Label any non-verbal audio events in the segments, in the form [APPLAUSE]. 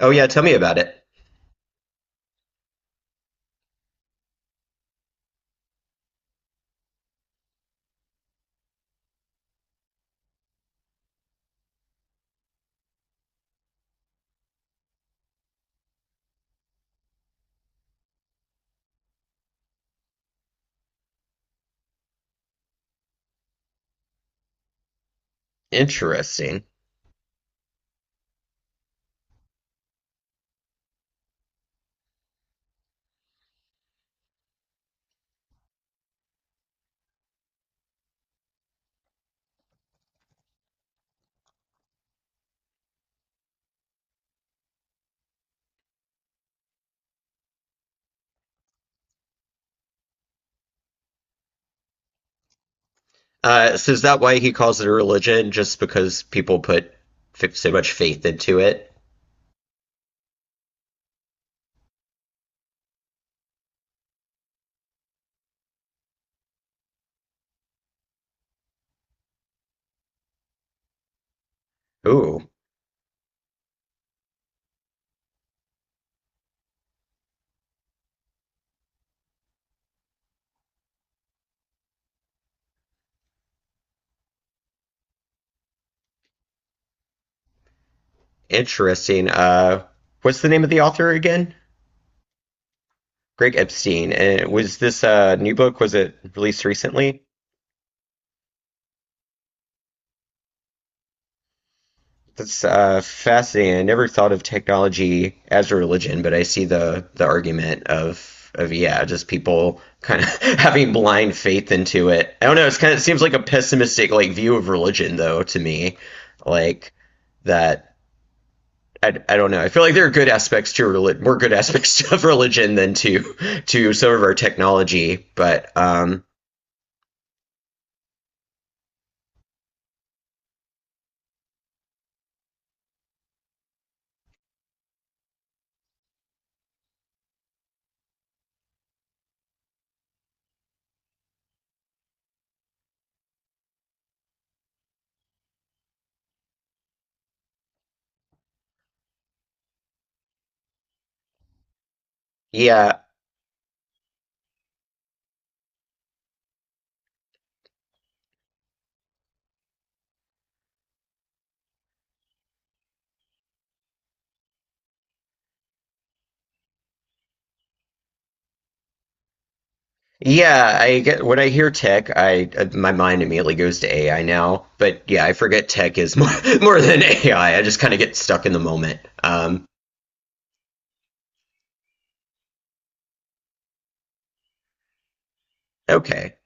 Oh yeah, tell me about it. Interesting. So is that why he calls it a religion? Just because people put f so much faith into it? Ooh, interesting. What's the name of the author again? Greg Epstein. And was this new book? Was it released recently? That's fascinating. I never thought of technology as a religion, but I see the argument of, yeah, just people kind of [LAUGHS] having blind faith into it. I don't know. It's kind of it seems like a pessimistic like view of religion though to me, like that. I don't know. I feel like there are good aspects to religion, more good aspects [LAUGHS] of religion than to some of our technology. But yeah. Yeah, I get when I hear tech, I my mind immediately goes to AI now. But yeah, I forget tech is more [LAUGHS] more than AI. I just kind of get stuck in the moment. Okay.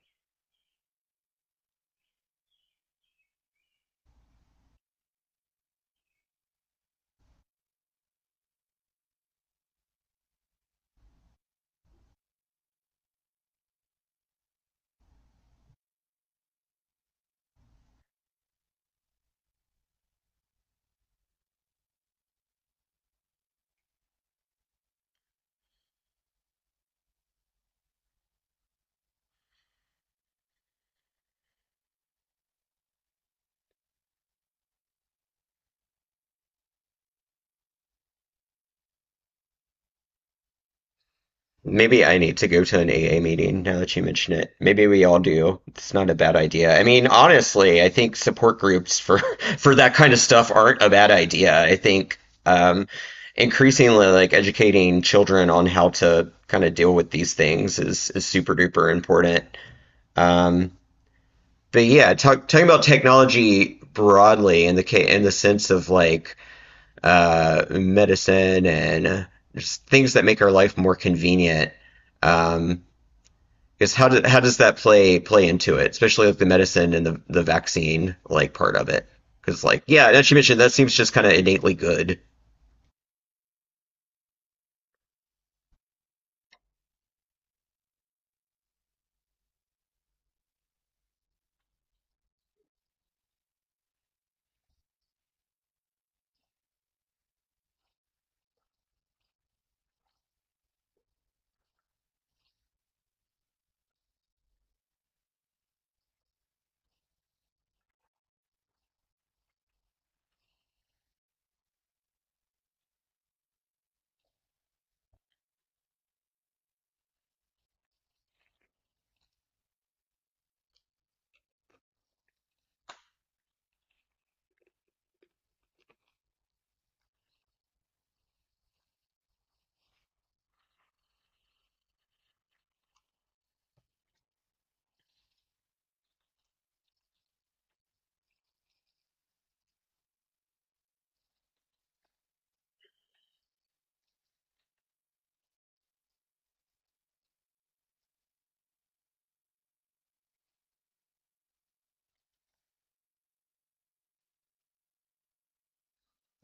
Maybe I need to go to an AA meeting now that you mention it. Maybe we all do. It's not a bad idea. I mean, honestly, I think support groups for [LAUGHS] for that kind of stuff aren't a bad idea. I think um, increasingly like educating children on how to kind of deal with these things is super duper important. Um, but yeah, talking about technology broadly in the sense of like medicine and just things that make our life more convenient. Um, is how does that play into it, especially with the medicine and the vaccine like part of it? Because like yeah, as you mentioned, that seems just kind of innately good.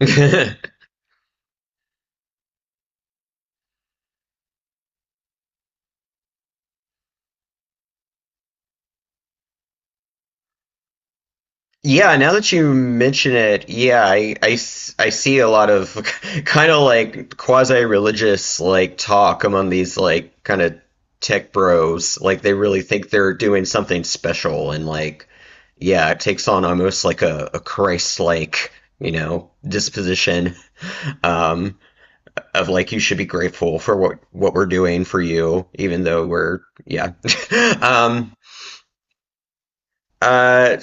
[LAUGHS] Yeah, now that you mention it, yeah, I see a lot of [LAUGHS] kind of like quasi-religious like talk among these like kind of tech bros. Like they really think they're doing something special and like yeah, it takes on almost like a Christ-like, you know, disposition um of like you should be grateful for what we're doing for you, even though we're yeah. [LAUGHS] Um uh,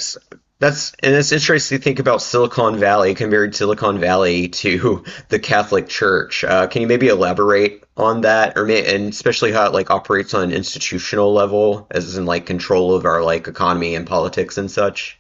that's, and it's interesting to think about Silicon Valley to [LAUGHS] the Catholic Church. Can you maybe elaborate on that, and especially how it like operates on an institutional level, as in like control of our like economy and politics and such?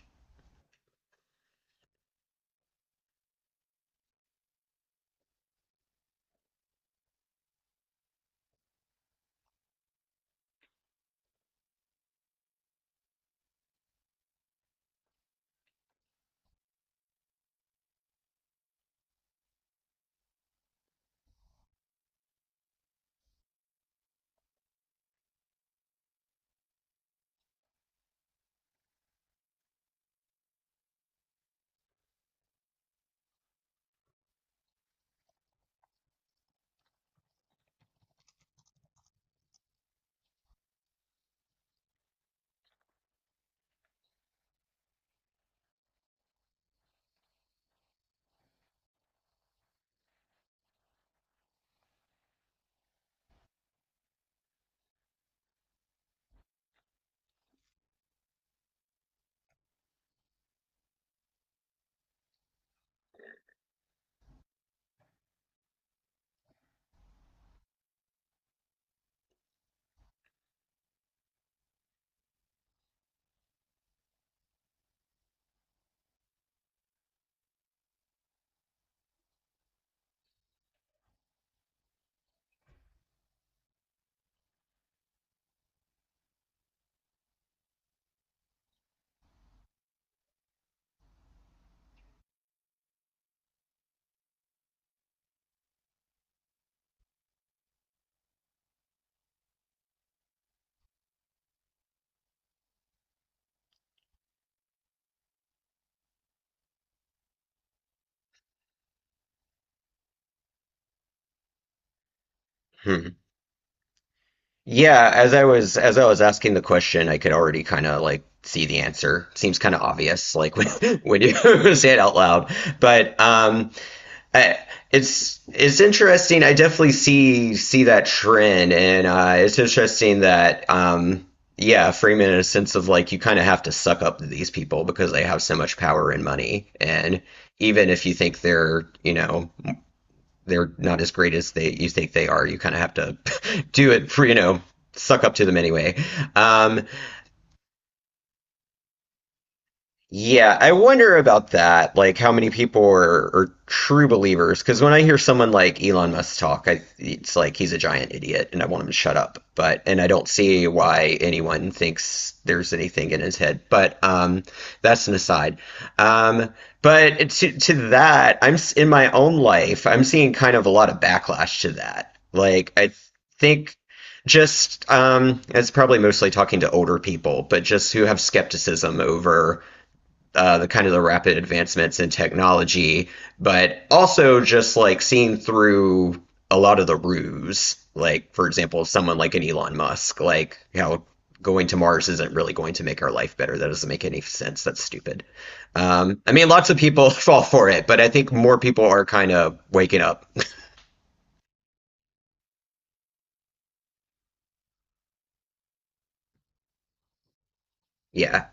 Hmm. Yeah, as I was asking the question, I could already kind of like see the answer. Seems kind of obvious, like when [LAUGHS] when you [LAUGHS] say it out loud, but. I, it's interesting. I definitely see that trend, and it's interesting that yeah, Freeman in a sense of like you kind of have to suck up to these people because they have so much power and money, and even if you think they're you know they're not as great as they you think they are, you kind of have to [LAUGHS] do it for you know suck up to them anyway. Um, Yeah, I wonder about that. Like, how many people are true believers? Because when I hear someone like Elon Musk talk, I, it's like he's a giant idiot, and I want him to shut up. But and I don't see why anyone thinks there's anything in his head. But that's an aside. Um, but to that, in my own life, I'm seeing kind of a lot of backlash to that. Like, I think just it's probably mostly talking to older people, but just who have skepticism over the kind of the rapid advancements in technology, but also just like seeing through a lot of the ruse. Like, for example, someone like an Elon Musk, like how going to Mars isn't really going to make our life better. That doesn't make any sense. That's stupid. I mean, lots of people [LAUGHS] fall for it, but I think more people are kind of waking up. [LAUGHS] Yeah.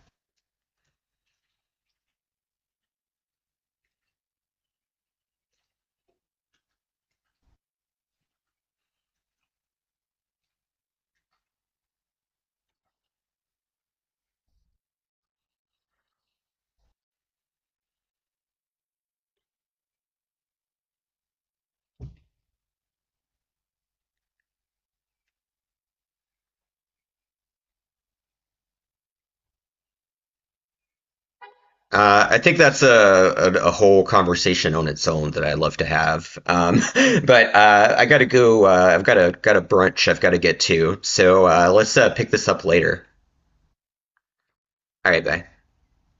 I think that's a whole conversation on its own that I love to have. [LAUGHS] But I gotta go. I've got a brunch I've got to get to. So let's pick this up later. All right, bye.